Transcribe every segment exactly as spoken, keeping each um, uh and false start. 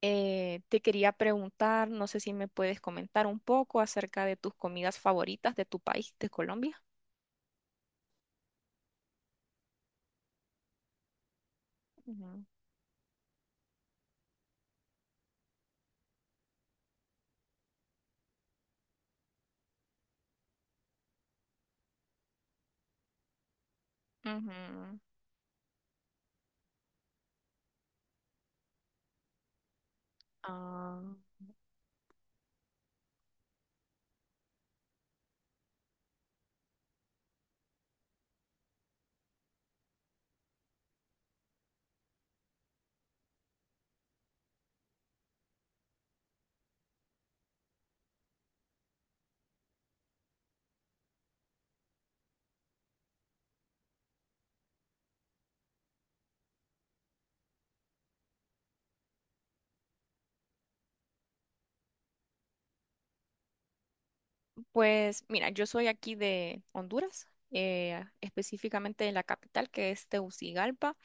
Eh, te quería preguntar, no sé si me puedes comentar un poco acerca de tus comidas favoritas de tu país, de Colombia. Ujú. Ujú. Ah, pues mira, yo soy aquí de Honduras, eh, específicamente de la capital que es Tegucigalpa.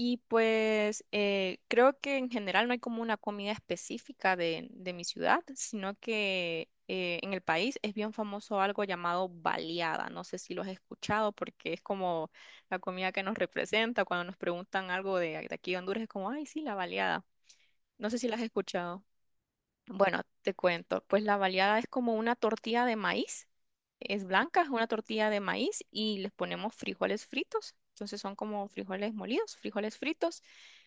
Y pues eh, creo que en general no hay como una comida específica de, de mi ciudad, sino que eh, en el país es bien famoso algo llamado baleada. No sé si lo has escuchado porque es como la comida que nos representa. Cuando nos preguntan algo de, de aquí de Honduras es como, ay, sí, la baleada. No sé si la has escuchado. Bueno, te cuento, pues la baleada es como una tortilla de maíz, es blanca, es una tortilla de maíz y les ponemos frijoles fritos, entonces son como frijoles molidos, frijoles fritos,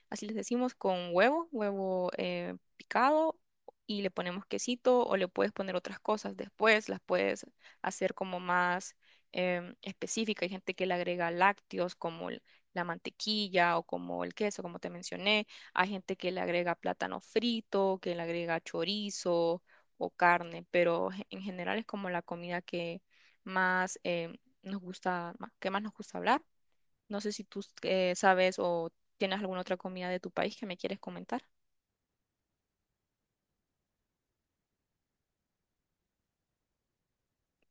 así les decimos con huevo, huevo eh, picado y le ponemos quesito o le puedes poner otras cosas después, las puedes hacer como más em, específica. Hay gente que le agrega lácteos como el- la mantequilla o como el queso, como te mencioné. Hay gente que le agrega plátano frito, que le agrega chorizo o carne, pero ge- en general es como la comida que más eh, nos gusta, ma- que más nos gusta hablar. No sé si tú eh, sabes o tienes alguna otra comida de tu país que me quieres comentar.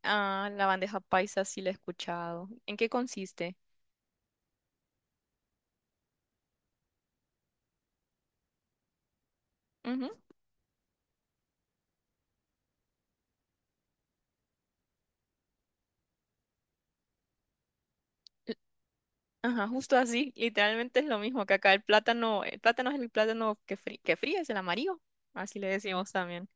Ah, la bandeja paisa sí la he escuchado. ¿En qué consiste? Ujú. L- Ajá, justo así, literalmente es lo mismo que acá el plátano, el plátano es el plátano que, frí- que fríes, el amarillo, así le decimos también.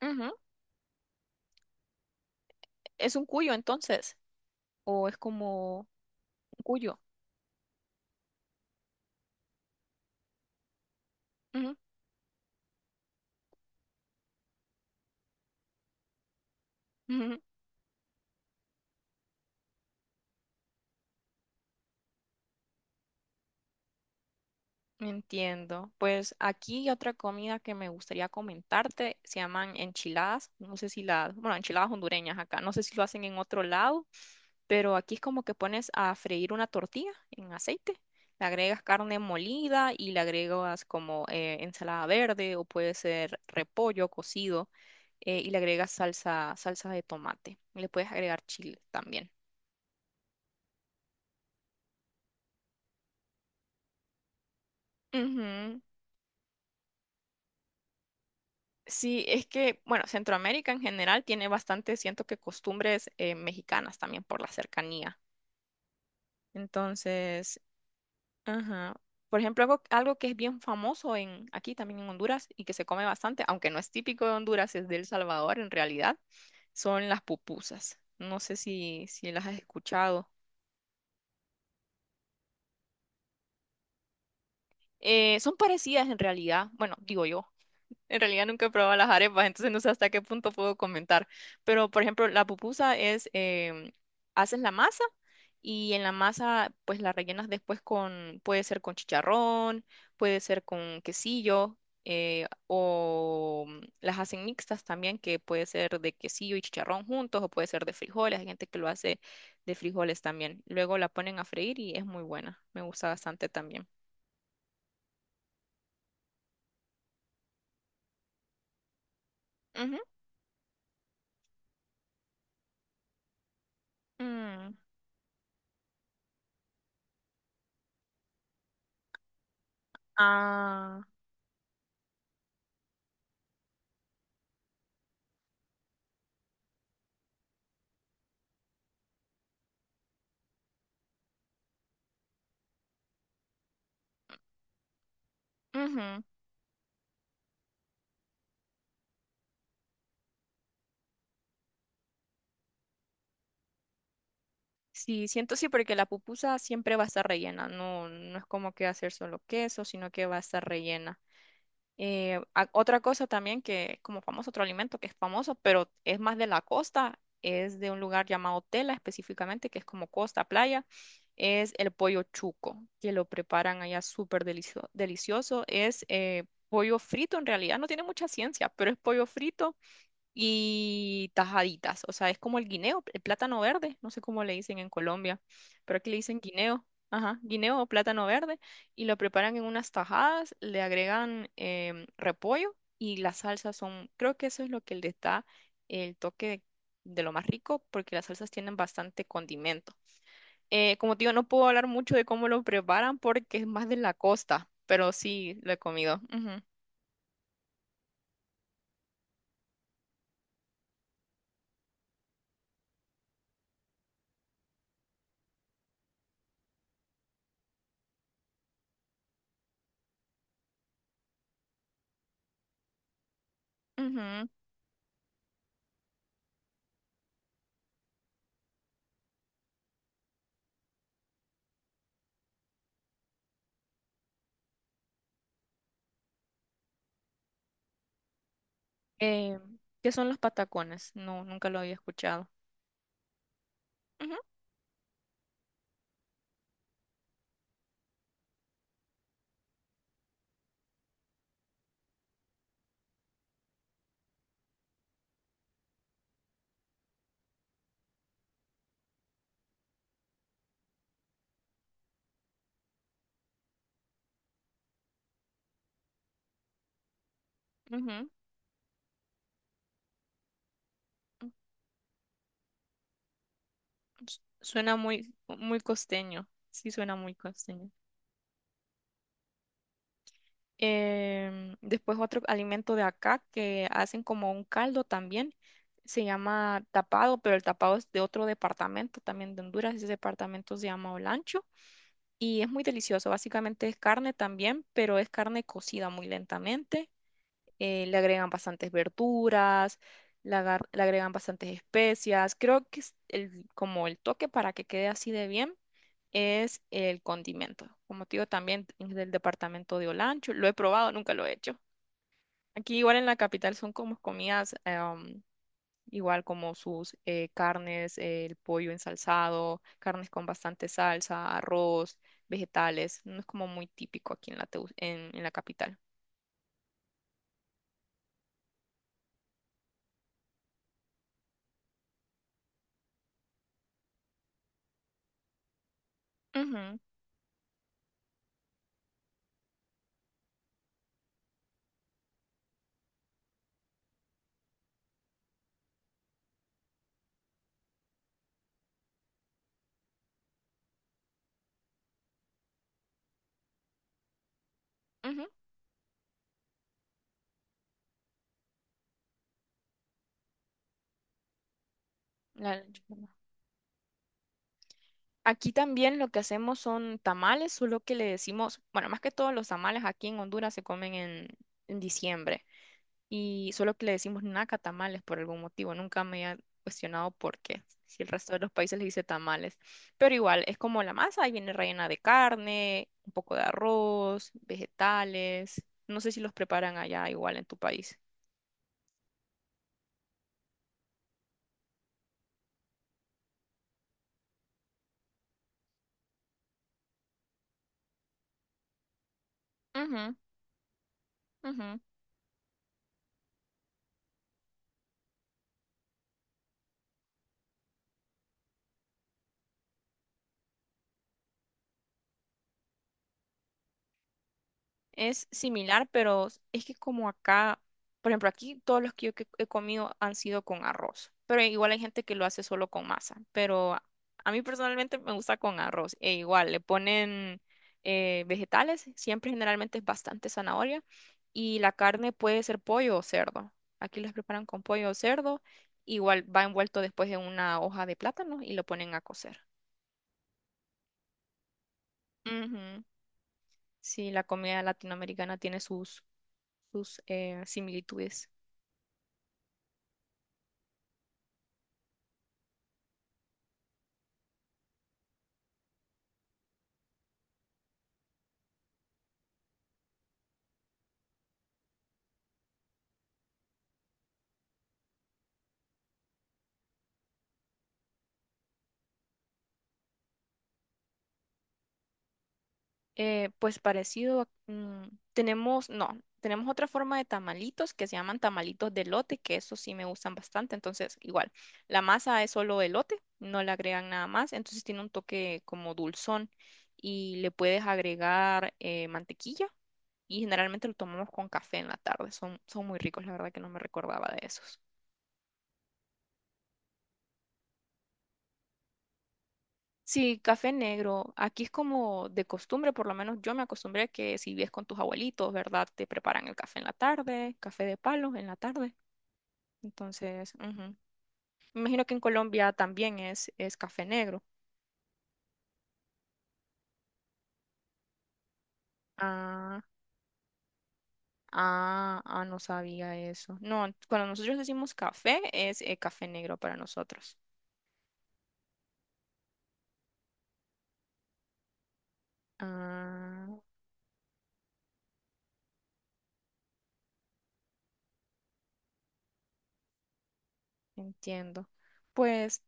Ujú, ujú. Es un cuyo entonces. O es como un cuyo. Ujú, ujú. Entiendo. Pues aquí hay otra comida que me gustaría comentarte, se llaman enchiladas. No sé si las, bueno, enchiladas hondureñas acá, no sé si lo hacen en otro lado, pero aquí es como que pones a freír una tortilla en aceite, le agregas carne molida y le agregas como eh, ensalada verde o puede ser repollo cocido eh, y le agregas salsa, salsa de tomate. Y le puedes agregar chile también. Ujú. Sí, es que, bueno, Centroamérica en general tiene bastante, siento que costumbres eh, mexicanas también por la cercanía. Entonces, ajá. Por ejemplo, algo, algo que es bien famoso en, aquí también en Honduras y que se come bastante, aunque no es típico de Honduras, es de El Salvador en realidad, son las pupusas. No sé si, si las has escuchado. Eh, son parecidas en realidad, bueno, digo yo. En realidad nunca he probado las arepas, entonces no sé hasta qué punto puedo comentar. Pero, por ejemplo, la pupusa es, em, haces la masa y en la masa pues la rellenas después con, puede ser con chicharrón, puede ser con quesillo, eh, o mm, las hacen mixtas también, que puede ser de quesillo y chicharrón juntos, o puede ser de frijoles, hay gente que lo hace de frijoles también. Luego la ponen a freír y es muy buena, me gusta bastante también. Ujú. Mm. Ah, ujú. Sí, siento sí, porque la pupusa siempre va a estar rellena, no, no es como que va a ser solo queso, sino que va a estar rellena. Eh, a- otra cosa también que como famoso, otro alimento que es famoso, pero es más de la costa, es de un lugar llamado Tela específicamente, que es como costa, playa, es el pollo chuco, que lo preparan allá súper delicio- delicioso. Es eh, pollo frito en realidad, no tiene mucha ciencia, pero es pollo frito y tajaditas. O sea, es como el guineo, el plátano verde. No sé cómo le dicen en Colombia, pero aquí le dicen guineo. Ajá, guineo o plátano verde. Y lo preparan en unas tajadas, le agregan em, repollo y las salsas son, creo que eso es lo que le da el toque de, de lo más rico, porque las salsas tienen bastante condimento. Eh, como te digo, no puedo hablar mucho de cómo lo preparan porque es más de la costa, pero sí lo he comido. Ujú, ujú. Eh, ¿qué son los patacones? No, nunca lo había escuchado. Ujú, ujú. Su- Suena muy, muy costeño. Sí, suena muy costeño. Em, después otro alimento de acá que hacen como un caldo también. Se llama tapado, pero el tapado es de otro departamento también de Honduras. Ese departamento se llama Olancho y es muy delicioso. Básicamente es carne también, pero es carne cocida muy lentamente eh, le agregan bastantes verduras, le, agar- le agregan bastantes especias. Creo que es el, como el toque para que quede así de bien es el condimento. Como te digo, también es del departamento de Olancho. Lo he probado, nunca lo he hecho. Aquí igual en la capital son como comidas, eh, um, igual como sus eh, carnes, eh, el pollo ensalzado, carnes con bastante salsa, arroz, vegetales. No es como muy típico aquí en la, Teu- en, en la capital. Ujú, ujú, la lancha. Aquí también lo que hacemos son tamales, solo que le decimos, bueno, más que todos los tamales aquí en Honduras se comen en, en diciembre y solo que le decimos naca tamales por algún motivo, nunca me he cuestionado por qué, si el resto de los países le dice tamales, pero igual es como la masa, ahí viene rellena de carne, un poco de arroz, vegetales, no sé si los preparan allá igual en tu país. Ujú, ujú. Es similar, pero es que como acá, por ejemplo, aquí todos los que yo que he comido han sido con arroz, pero igual hay gente que lo hace solo con masa, pero a a mí personalmente me gusta con arroz, e igual le ponen eh, vegetales, siempre generalmente es bastante zanahoria, y la carne puede ser pollo o cerdo. Aquí las preparan con pollo o cerdo, igual va envuelto después en una hoja de plátano y lo ponen a cocer. Ujú. Sí, la comida latinoamericana tiene sus, sus eh, similitudes. Eh, pues parecido, a- mm, tenemos, no, tenemos otra forma de tamalitos que se llaman tamalitos de elote, que esos sí me gustan bastante. Entonces, igual, la masa es solo elote, no le agregan nada más, entonces tiene un toque como dulzón y le puedes agregar eh, mantequilla y generalmente lo tomamos con café en la tarde. Son, son muy ricos, la verdad que no me recordaba de esos. Sí, café negro. Aquí es como de costumbre, por lo menos yo me acostumbré que si vives con tus abuelitos, ¿verdad? Te preparan el café en la tarde, café de palos en la tarde. Entonces, ujú. Me imagino que en Colombia también es, es café negro. Ah, ah, ah, no sabía eso. No, cuando nosotros decimos café, es eh, café negro para nosotros. Ah, entiendo. Pues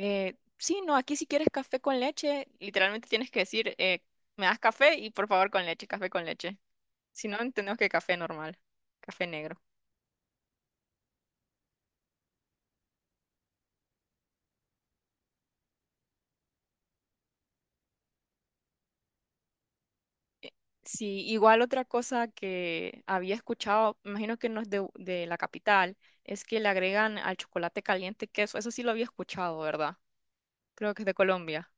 Eh, sí, no, aquí si quieres café con leche, literalmente tienes que decir, eh, me das café y por favor con leche, café con leche. Si no, entendemos que café normal, café negro. Sí, igual otra cosa que había escuchado, me imagino que no es de, de la capital, es que le agregan al chocolate caliente queso. Eso sí lo había escuchado, ¿verdad? Creo que es de Colombia.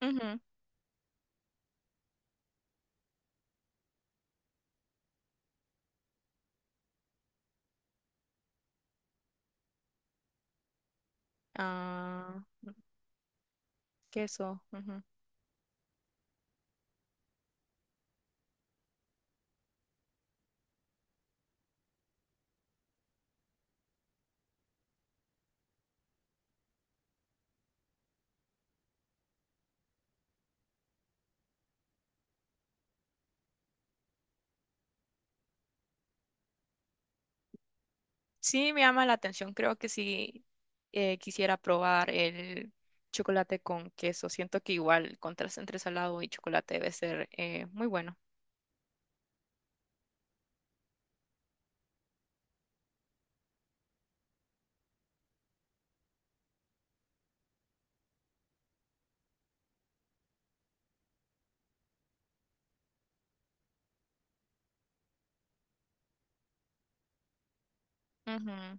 Ujú. Ah, queso. Ujú. Sí, me llama la atención. Creo que sí eh, quisiera probar el chocolate con queso. Siento que igual el contraste entre salado y chocolate debe ser eh, muy bueno. Ujú.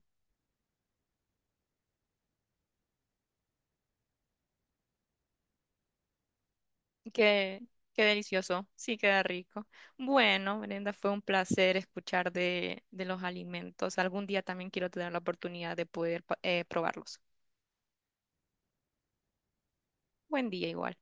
Qué, qué delicioso. Sí, queda rico. Bueno, Brenda, fue un placer escuchar de, de los alimentos. Algún día también quiero tener la oportunidad de poder pa- eh, probarlos. Buen día igual.